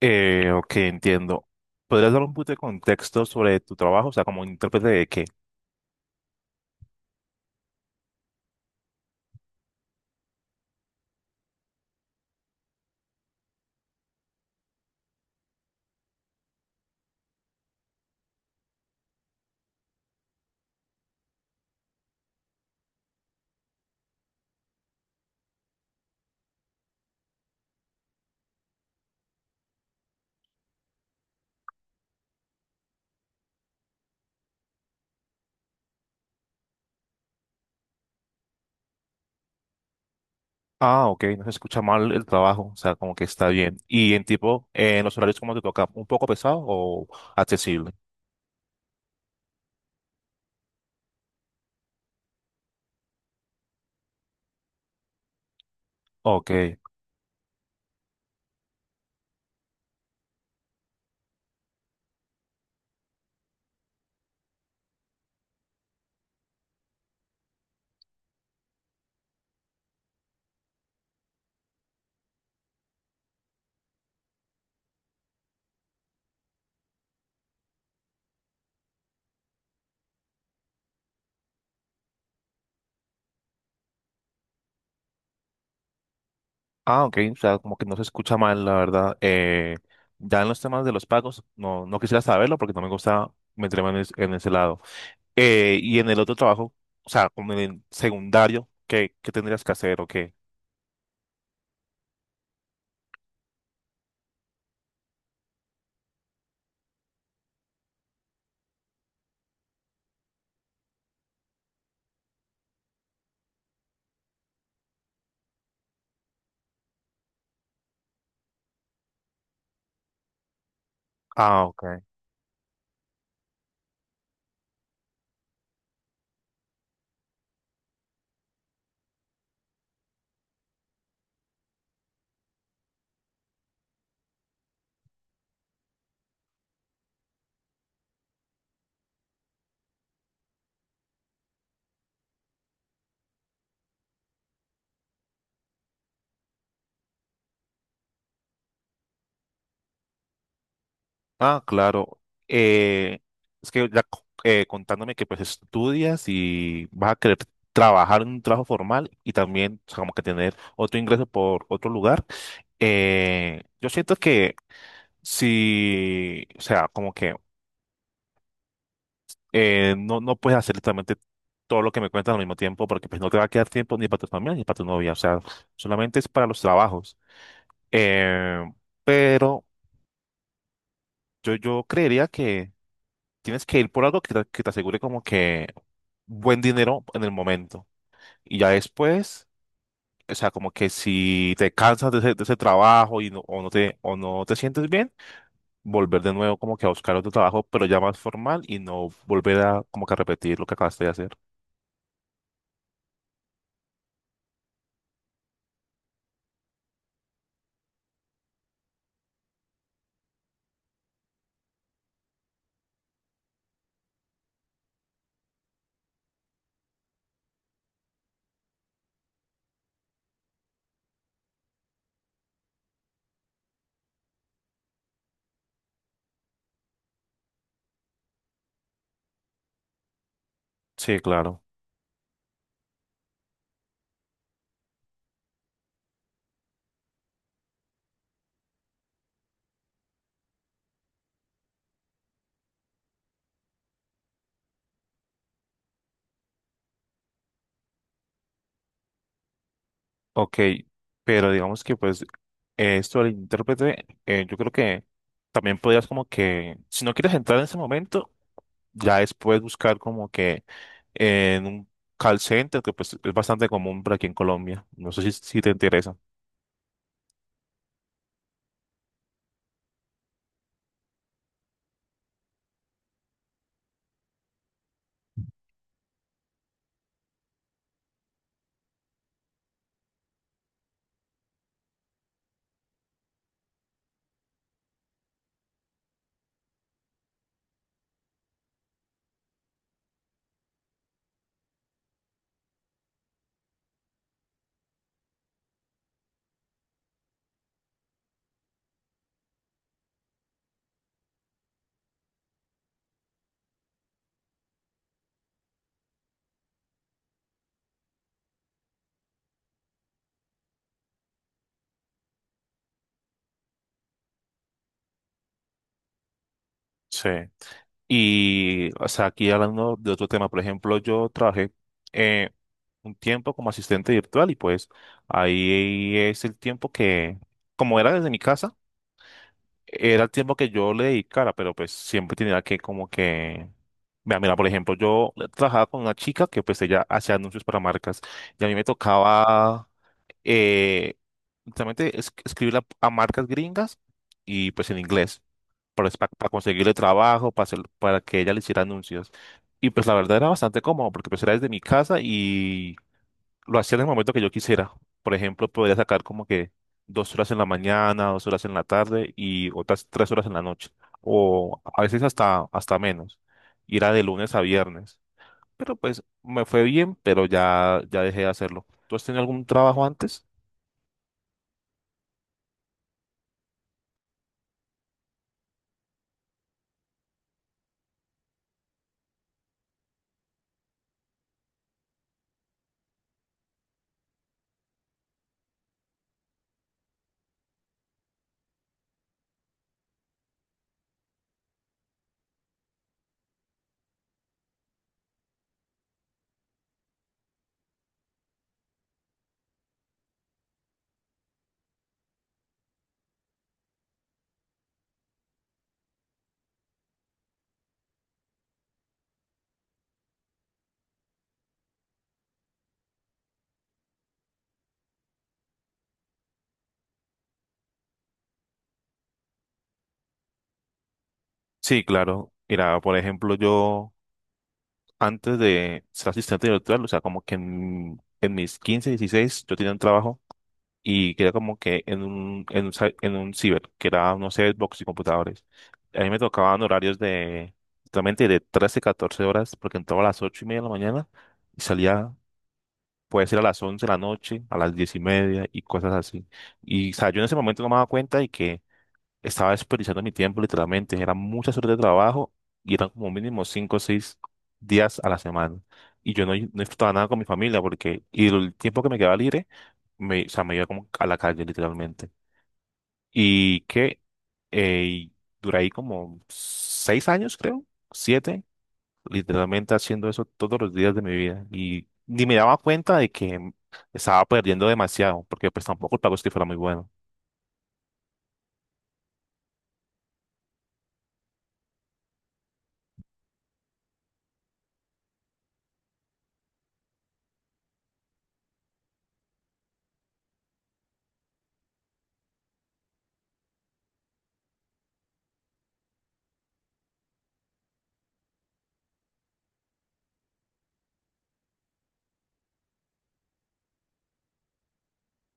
Ok, entiendo. ¿Podrías dar un poquito de contexto sobre tu trabajo? O sea, como intérprete de qué. Ah, ok, no se escucha mal el trabajo, o sea, como que está bien. Y en tipo, en los horarios, ¿cómo te toca? ¿Un poco pesado o accesible? Ok. Ah, ok, o sea, como que no se escucha mal, la verdad. Ya en los temas de los pagos, no quisiera saberlo porque no me gusta meterme en ese lado. Y en el otro trabajo, o sea, como en el secundario, ¿qué tendrías que hacer o qué? Ah, ok. Ah, claro. Eh, es que ya contándome que pues estudias y vas a querer trabajar en un trabajo formal y también o sea, como que tener otro ingreso por otro lugar. Yo siento que si, o sea, como que no puedes hacer literalmente todo lo que me cuentas al mismo tiempo porque pues no te va a quedar tiempo ni para tu familia ni para tu novia. O sea, solamente es para los trabajos. Eh, pero yo creería que tienes que ir por algo que te asegure como que buen dinero en el momento. Y ya después, o sea, como que si te cansas de ese trabajo y no, o no te sientes bien, volver de nuevo como que a buscar otro trabajo, pero ya más formal y no volver a como que a repetir lo que acabaste de hacer. Sí, claro. Ok, pero digamos que pues esto del intérprete, yo creo que también podrías como que, si no quieres entrar en ese momento, ya después buscar como que en un call center que pues es bastante común por aquí en Colombia. No sé si te interesa. Sí. Y, o sea, aquí hablando de otro tema, por ejemplo, yo trabajé eh, un tiempo como asistente virtual y pues ahí es el tiempo que, como era desde mi casa, era el tiempo que yo le dedicara, pero pues siempre tenía que como que. Mira, mira, por ejemplo, yo trabajaba con una chica que pues ella hacía anuncios para marcas y a mí me tocaba eh, literalmente escribirle a marcas gringas y pues en inglés, para conseguirle trabajo, para que ella le hiciera anuncios. Y pues la verdad era bastante cómodo porque pues era desde mi casa y lo hacía en el momento que yo quisiera. Por ejemplo, podría sacar como que 2 horas en la mañana, 2 horas en la tarde y otras 3 horas en la noche. O a veces hasta menos. Y era de lunes a viernes. Pero pues me fue bien, pero ya dejé de hacerlo. ¿Tú has tenido algún trabajo antes? Sí, claro. Mira, por ejemplo, yo antes de ser asistente virtual, o sea, como que en mis 15, 16, yo tenía un trabajo y que era como que en un ciber, que era, no sé, Xbox y computadores. A mí me tocaban horarios de, totalmente de 13, 14 horas, porque entraba a las 8:30 de la mañana y salía, puede ser a las 11 de la noche, a las 10:30 y cosas así. Y, o sea, yo en ese momento no me daba cuenta y que estaba desperdiciando mi tiempo literalmente. Eran muchas horas de trabajo y eran como mínimo 5 o 6 días a la semana. Y yo no disfrutaba nada con mi familia porque y el tiempo que me quedaba libre, me, o sea, me iba como a la calle literalmente. Y que y duré ahí como 6 años, creo, 7, literalmente haciendo eso todos los días de mi vida. Y ni me daba cuenta de que estaba perdiendo demasiado porque pues tampoco el pago es que fuera muy bueno.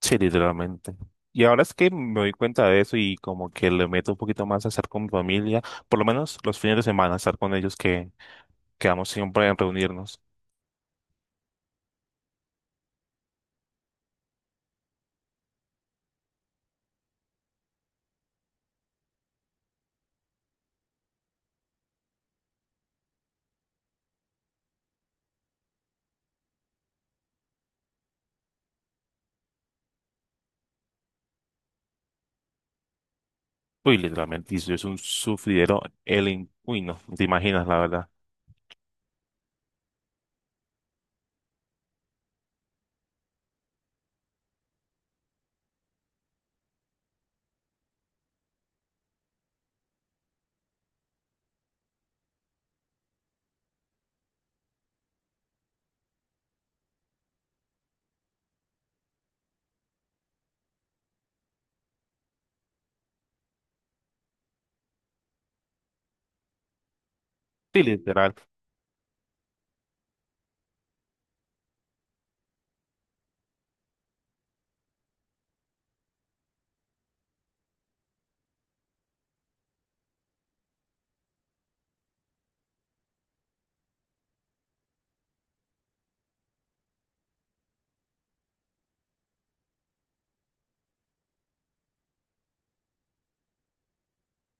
Sí, literalmente. Y ahora es que me doy cuenta de eso y como que le meto un poquito más a estar con mi familia, por lo menos los fines de semana, estar con ellos que quedamos siempre en reunirnos. Uy, literalmente, y eso es un sufridero, el... in- Uy, no te imaginas, la verdad. Sí, literal.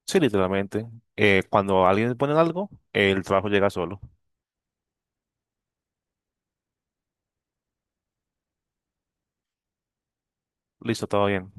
Sí, literalmente. Cuando alguien pone algo, el trabajo llega solo. Listo, todo bien.